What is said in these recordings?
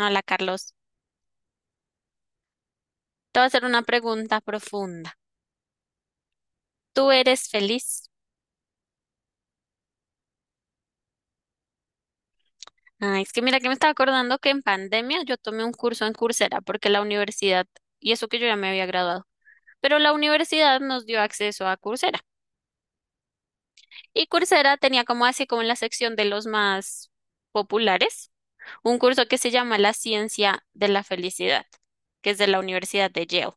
Hola, Carlos. Te voy a hacer una pregunta profunda. ¿Tú eres feliz? Ay, es que mira que me estaba acordando que en pandemia yo tomé un curso en Coursera porque la universidad, y eso que yo ya me había graduado, pero la universidad nos dio acceso a Coursera. Y Coursera tenía como así como en la sección de los más populares, un curso que se llama La Ciencia de la Felicidad, que es de la Universidad de Yale.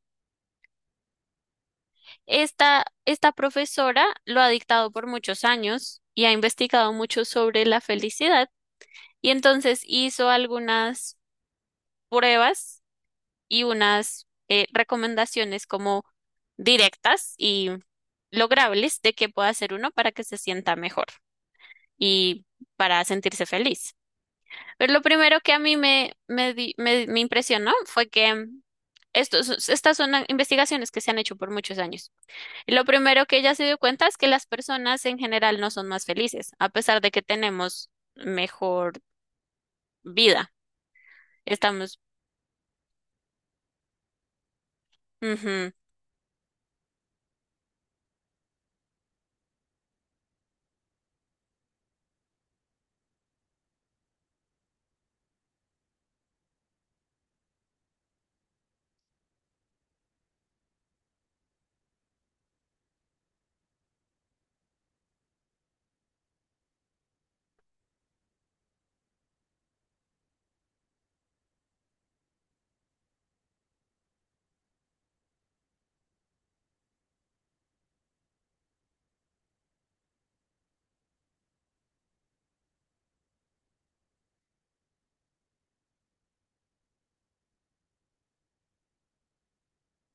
Esta profesora lo ha dictado por muchos años y ha investigado mucho sobre la felicidad. Y entonces hizo algunas pruebas y unas recomendaciones como directas y logrables de qué puede hacer uno para que se sienta mejor y para sentirse feliz. Pero lo primero que a mí me impresionó fue que estas son investigaciones que se han hecho por muchos años. Y lo primero que ella se dio cuenta es que las personas en general no son más felices, a pesar de que tenemos mejor vida. Estamos... ujú.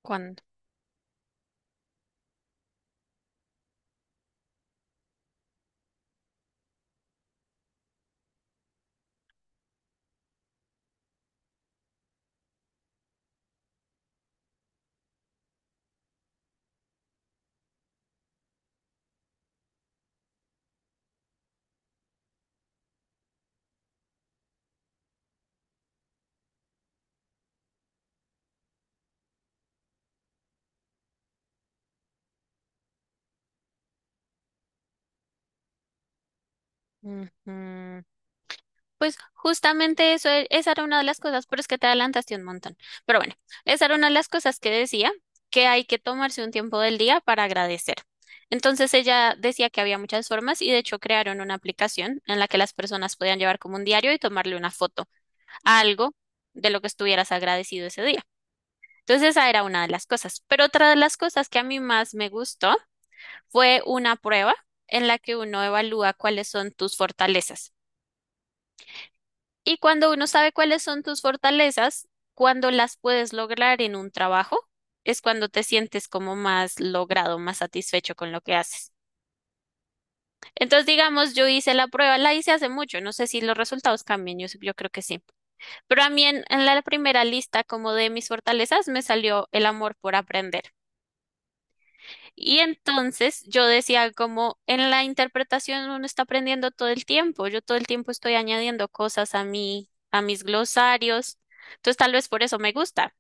¿Cuándo? Ujú. Pues justamente eso, esa era una de las cosas, pero es que te adelantaste un montón. Pero bueno, esa era una de las cosas que decía, que hay que tomarse un tiempo del día para agradecer. Entonces ella decía que había muchas formas y de hecho crearon una aplicación en la que las personas podían llevar como un diario y tomarle una foto a algo de lo que estuvieras agradecido ese día. Entonces esa era una de las cosas. Pero otra de las cosas que a mí más me gustó fue una prueba en la que uno evalúa cuáles son tus fortalezas. Y cuando uno sabe cuáles son tus fortalezas, cuando las puedes lograr en un trabajo, es cuando te sientes como más logrado, más satisfecho con lo que haces. Entonces, digamos, yo hice la prueba, la hice hace mucho, no sé si los resultados cambian, yo creo que sí. Pero a mí en la primera lista como de mis fortalezas me salió el amor por aprender. Y entonces yo decía como en la interpretación uno está aprendiendo todo el tiempo, yo todo el tiempo estoy añadiendo cosas a a mis glosarios, entonces tal vez por eso me gusta.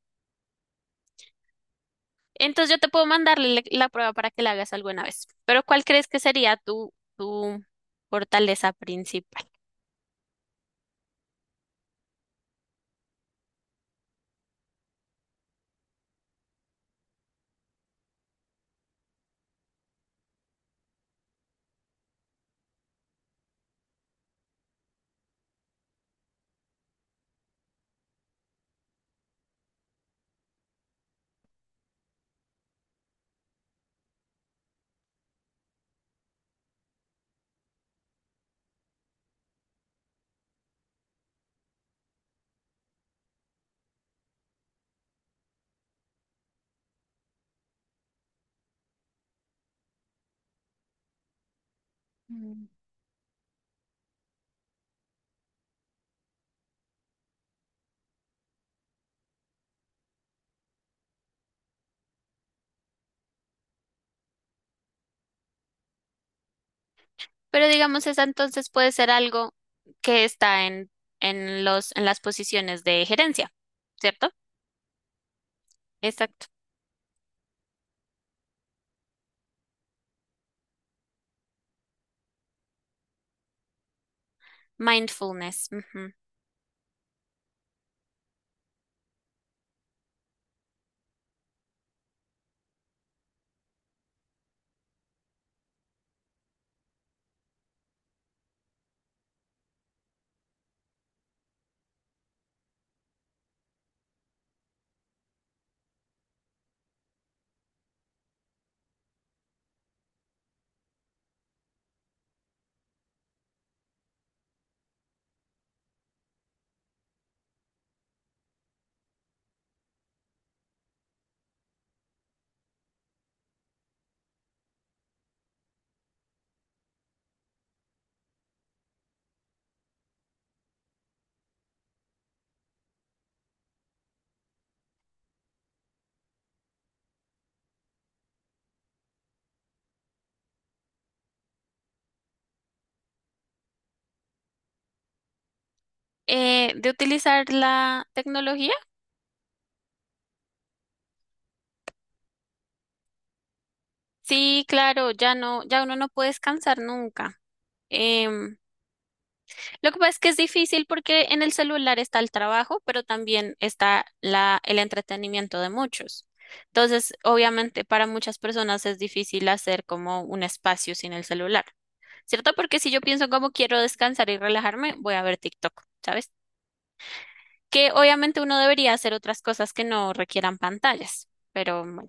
Entonces yo te puedo mandarle la prueba para que la hagas alguna vez, pero ¿cuál crees que sería tu fortaleza principal? Pero digamos esa entonces puede ser algo que está en en las posiciones de gerencia, ¿cierto? Exacto. Mindfulness. De utilizar la tecnología? Sí, claro, ya no, ya uno no puede descansar nunca. Em, lo que pasa es que es difícil porque en el celular está el trabajo, pero también está el entretenimiento de muchos. Entonces, obviamente, para muchas personas es difícil hacer como un espacio sin el celular, ¿cierto? Porque si yo pienso como quiero descansar y relajarme, voy a ver TikTok, ¿sabes? Que obviamente uno debería hacer otras cosas que no requieran pantallas, pero bueno.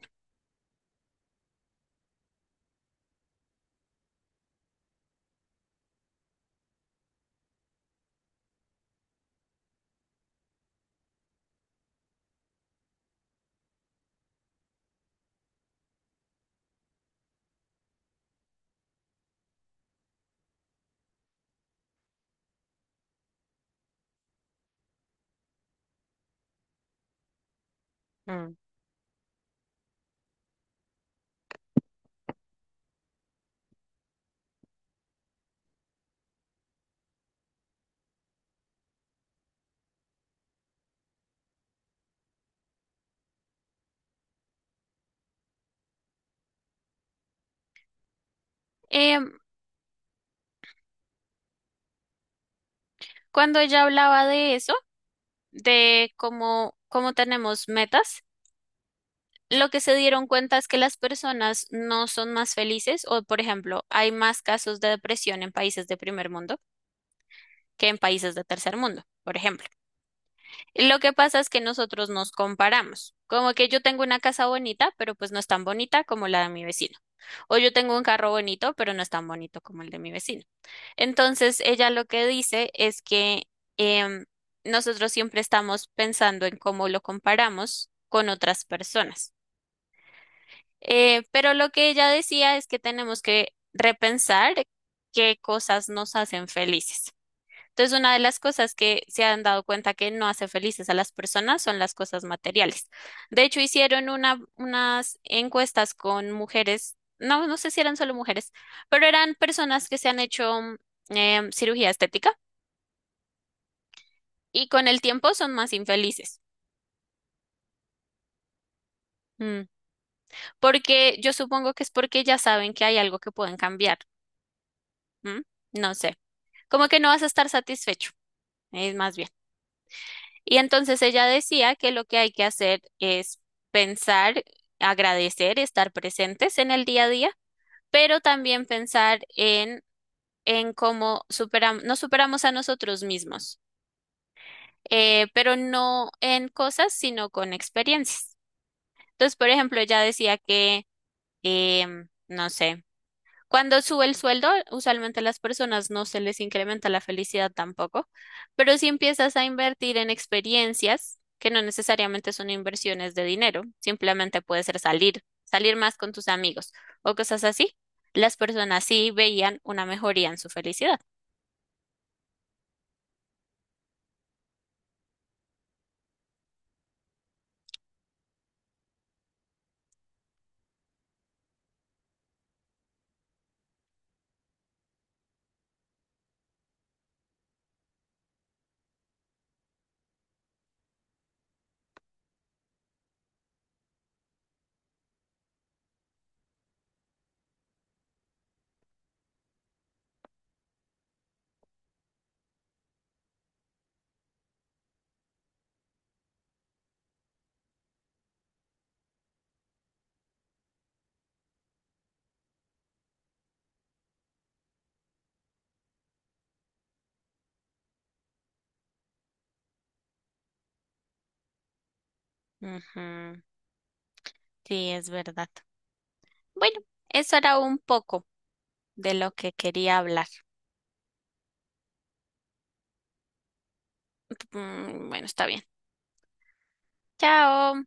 Em, Cuando ella hablaba de eso, cómo tenemos metas, lo que se dieron cuenta es que las personas no son más felices o, por ejemplo, hay más casos de depresión en países de primer mundo que en países de tercer mundo, por ejemplo. Y lo que pasa es que nosotros nos comparamos, como que yo tengo una casa bonita, pero pues no es tan bonita como la de mi vecino. O yo tengo un carro bonito, pero no es tan bonito como el de mi vecino. Entonces, ella lo que dice es que em, nosotros siempre estamos pensando en cómo lo comparamos con otras personas. Pero lo que ella decía es que tenemos que repensar qué cosas nos hacen felices. Entonces, una de las cosas que se han dado cuenta que no hace felices a las personas son las cosas materiales. De hecho, hicieron unas encuestas con mujeres, no sé si eran solo mujeres, pero eran personas que se han hecho cirugía estética y con el tiempo son más infelices. Mm. Porque yo supongo que es porque ya saben que hay algo que pueden cambiar. ¿M? No sé, como que no vas a estar satisfecho, es más bien. Y entonces ella decía que lo que hay que hacer es pensar, agradecer, estar presentes en el día a día, pero también pensar en cómo nos superamos a nosotros mismos, pero no en cosas, sino con experiencias. Entonces, por ejemplo, ella decía que, no sé. Cuando sube el sueldo, usualmente a las personas no se les incrementa la felicidad tampoco, pero si empiezas a invertir en experiencias, que no necesariamente son inversiones de dinero, simplemente puede ser salir, salir más con tus amigos o cosas así, las personas sí veían una mejoría en su felicidad. Ujú, sí, es verdad. Bueno, eso era un poco de lo que quería hablar. Mm, bueno, está bien. Chao.